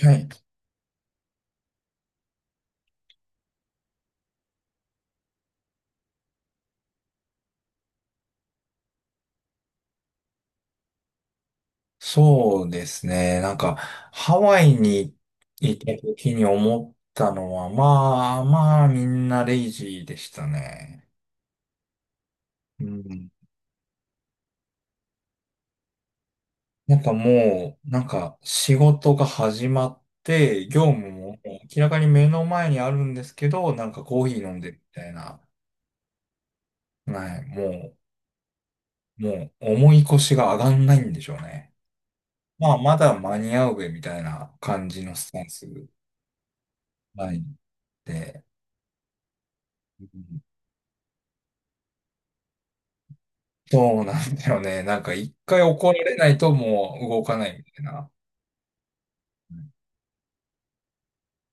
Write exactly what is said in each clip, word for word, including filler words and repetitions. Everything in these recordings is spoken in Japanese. はい。そうですね。なんか、ハワイに行った時に思ったのは、まあまあみんなレイジーでしたね。うん。なんかもう、なんか仕事が始まって、業務も明らかに目の前にあるんですけど、なんかコーヒー飲んでるみたいな。はい。もう、もう重い腰が上がんないんでしょうね。まあまだ間に合うべみたいな感じのスタンス。はい。で、うん、そうなんだよね。なんか一回怒られないともう動かないみたいな、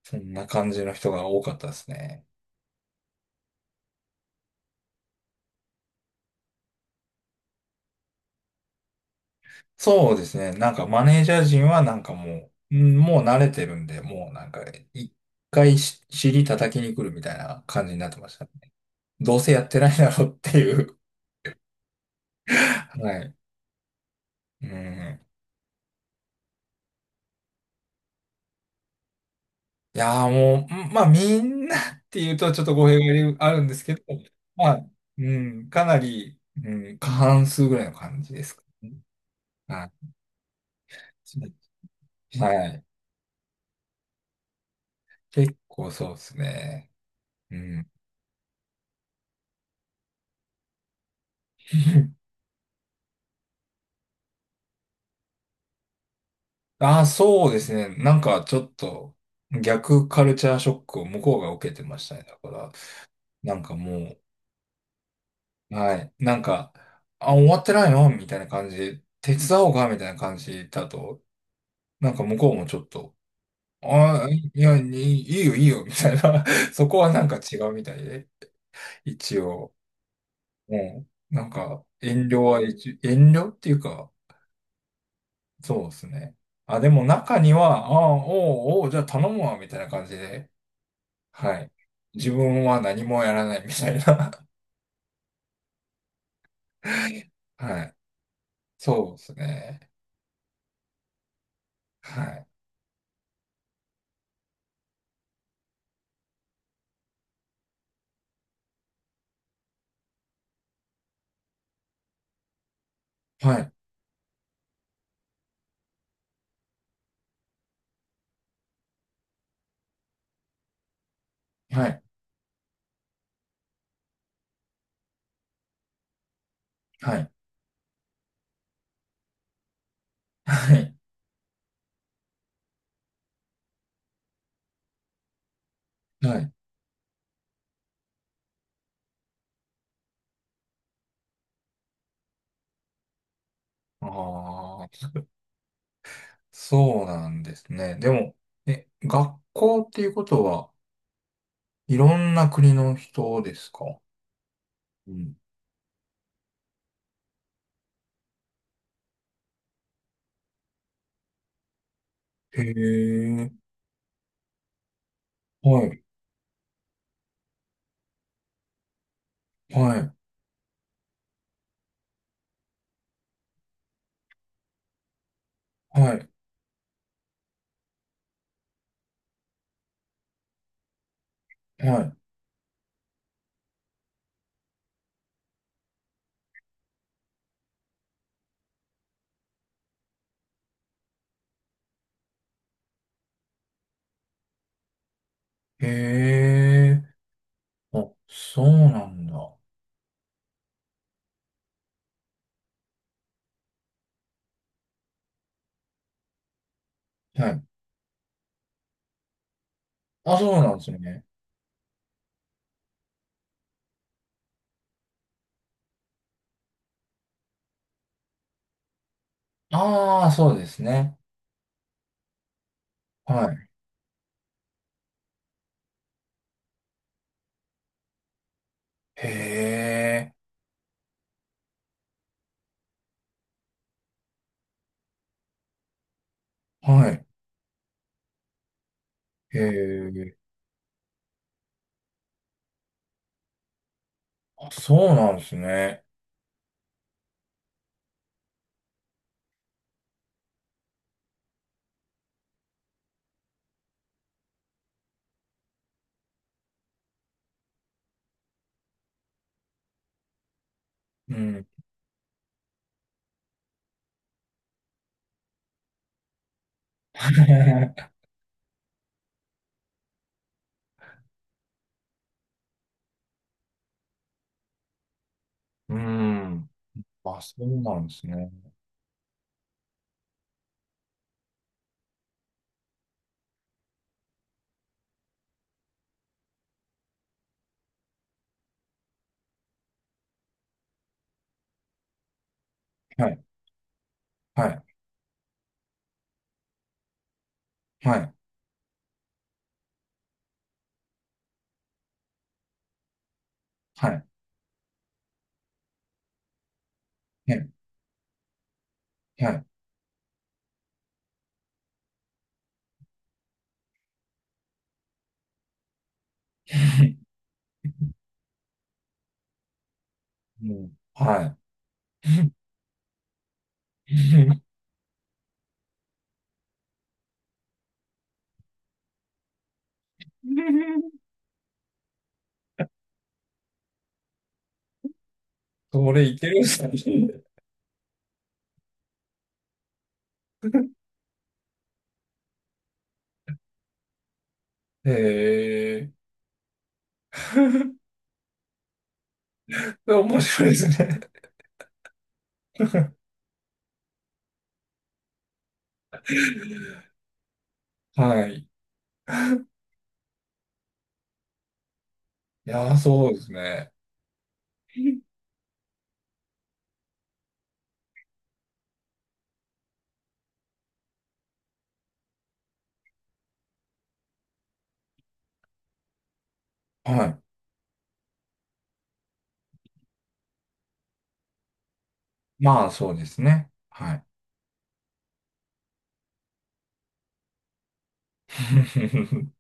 そんな感じの人が多かったですね。そうですね。なんかマネージャー陣はなんかもう、うん、もう慣れてるんで、もうなんか一回し尻叩きに来るみたいな感じになってましたね。どうせやってないだろうっていう。はい。うん。いやーもう、うん、まあみんなっていうとちょっと語弊があるんですけど、まあ、うん、かなり、うん、過半数ぐらいの感じですかね。はい、はい。結構そうですね。うん。ああ、そうですね。なんかちょっと逆カルチャーショックを向こうが受けてましたね。だから、なんかもう、はい、なんか、あ、終わってないのみたいな感じで、手伝おうかみたいな感じだと、なんか向こうもちょっと、ああ、いや、いいいいよ、いいよ、みたいな。そこはなんか違うみたいで、一応、もう、なんか、遠慮は一、遠慮っていうか、そうですね。あ、でも中には、ああ、おうおう、じゃあ頼むわ、みたいな感じで、はい。自分は何もやらないみたいな。はい。そうですね。はい。はい。はい。はい。はい。はい。ああ、そうなんですね。でも、え、学校っていうことは、いろんな国の人ですか？うん。へえ、はい。はい。はい。はい。へえ、あ、そうなんだ。はい。あ、そうなんですよね。ああ、そうですね。はい。へえ。はい。へえ。あ、そうなんですね。うん。うん。あ、そうなんですね。はい。はい。はい。はい。はい。はい。うん。はい。それいけるんすね。へえ。面白いですね。はい。いやー、そうですね。はい。まあ、そうですね。はい。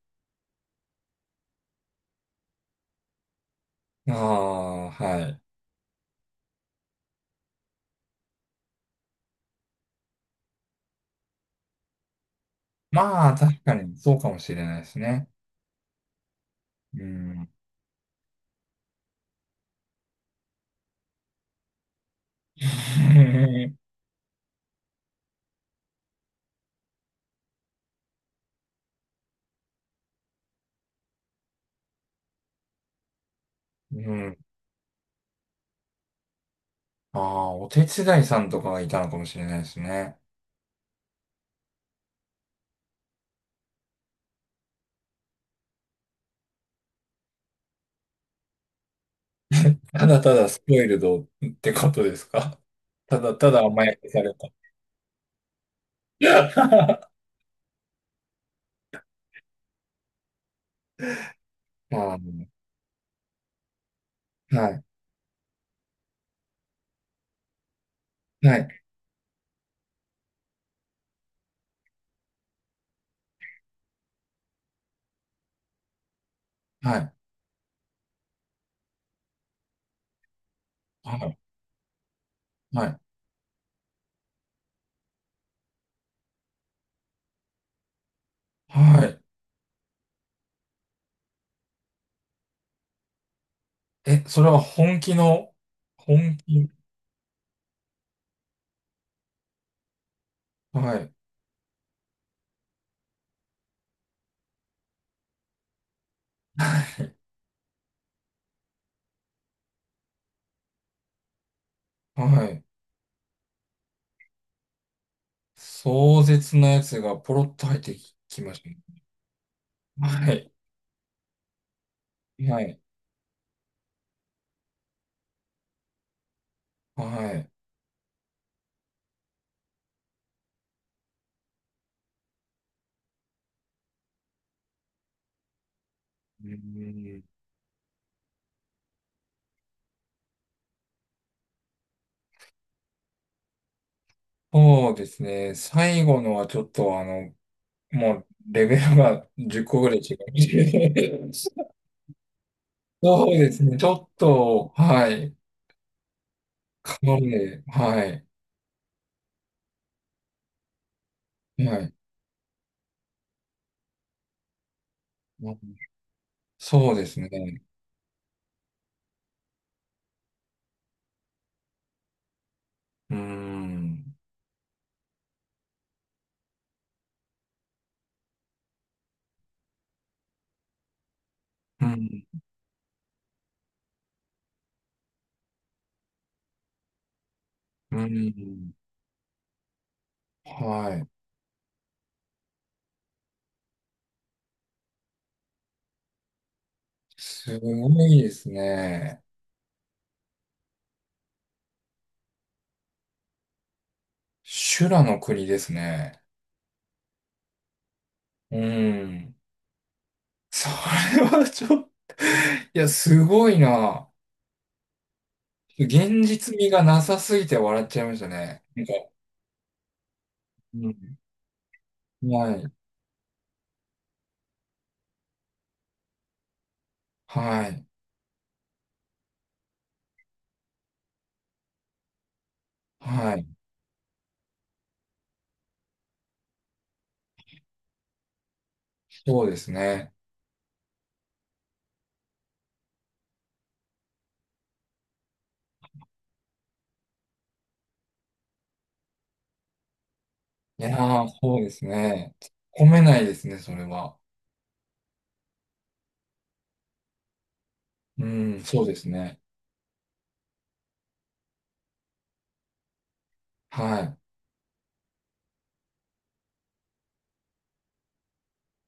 ああ、はい。まあ、確かにそうかもしれないですね。うん。うん。ああ、お手伝いさんとかがいたのかもしれないですね。ただただスポイルドってことですか？ ただただ甘やかされた。ああ、はい、はい、はい、はい、はい、はい。え、それは本気の、本気、はい、はい。壮絶なやつがポロッと入ってきましたね。はい、はい、はい。うん、そうですね。最後のはちょっとあの、もうレベルがじゅっこぐらい違う。そうですね。ちょっと、はい。かなりね、はい。はい。うん、そうですね。うーん。うん。うん。はい。すごいですね。修羅の国ですね。うん。それはちょっと、いや、すごいな。現実味がなさすぎて笑っちゃいましたね。なんか、うん。はい、はい、はい、そうですね。いやー、そうですね。突っ込めないですね、それは。うん、そうですね。は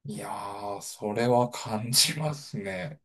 い。いやー、それは感じますね。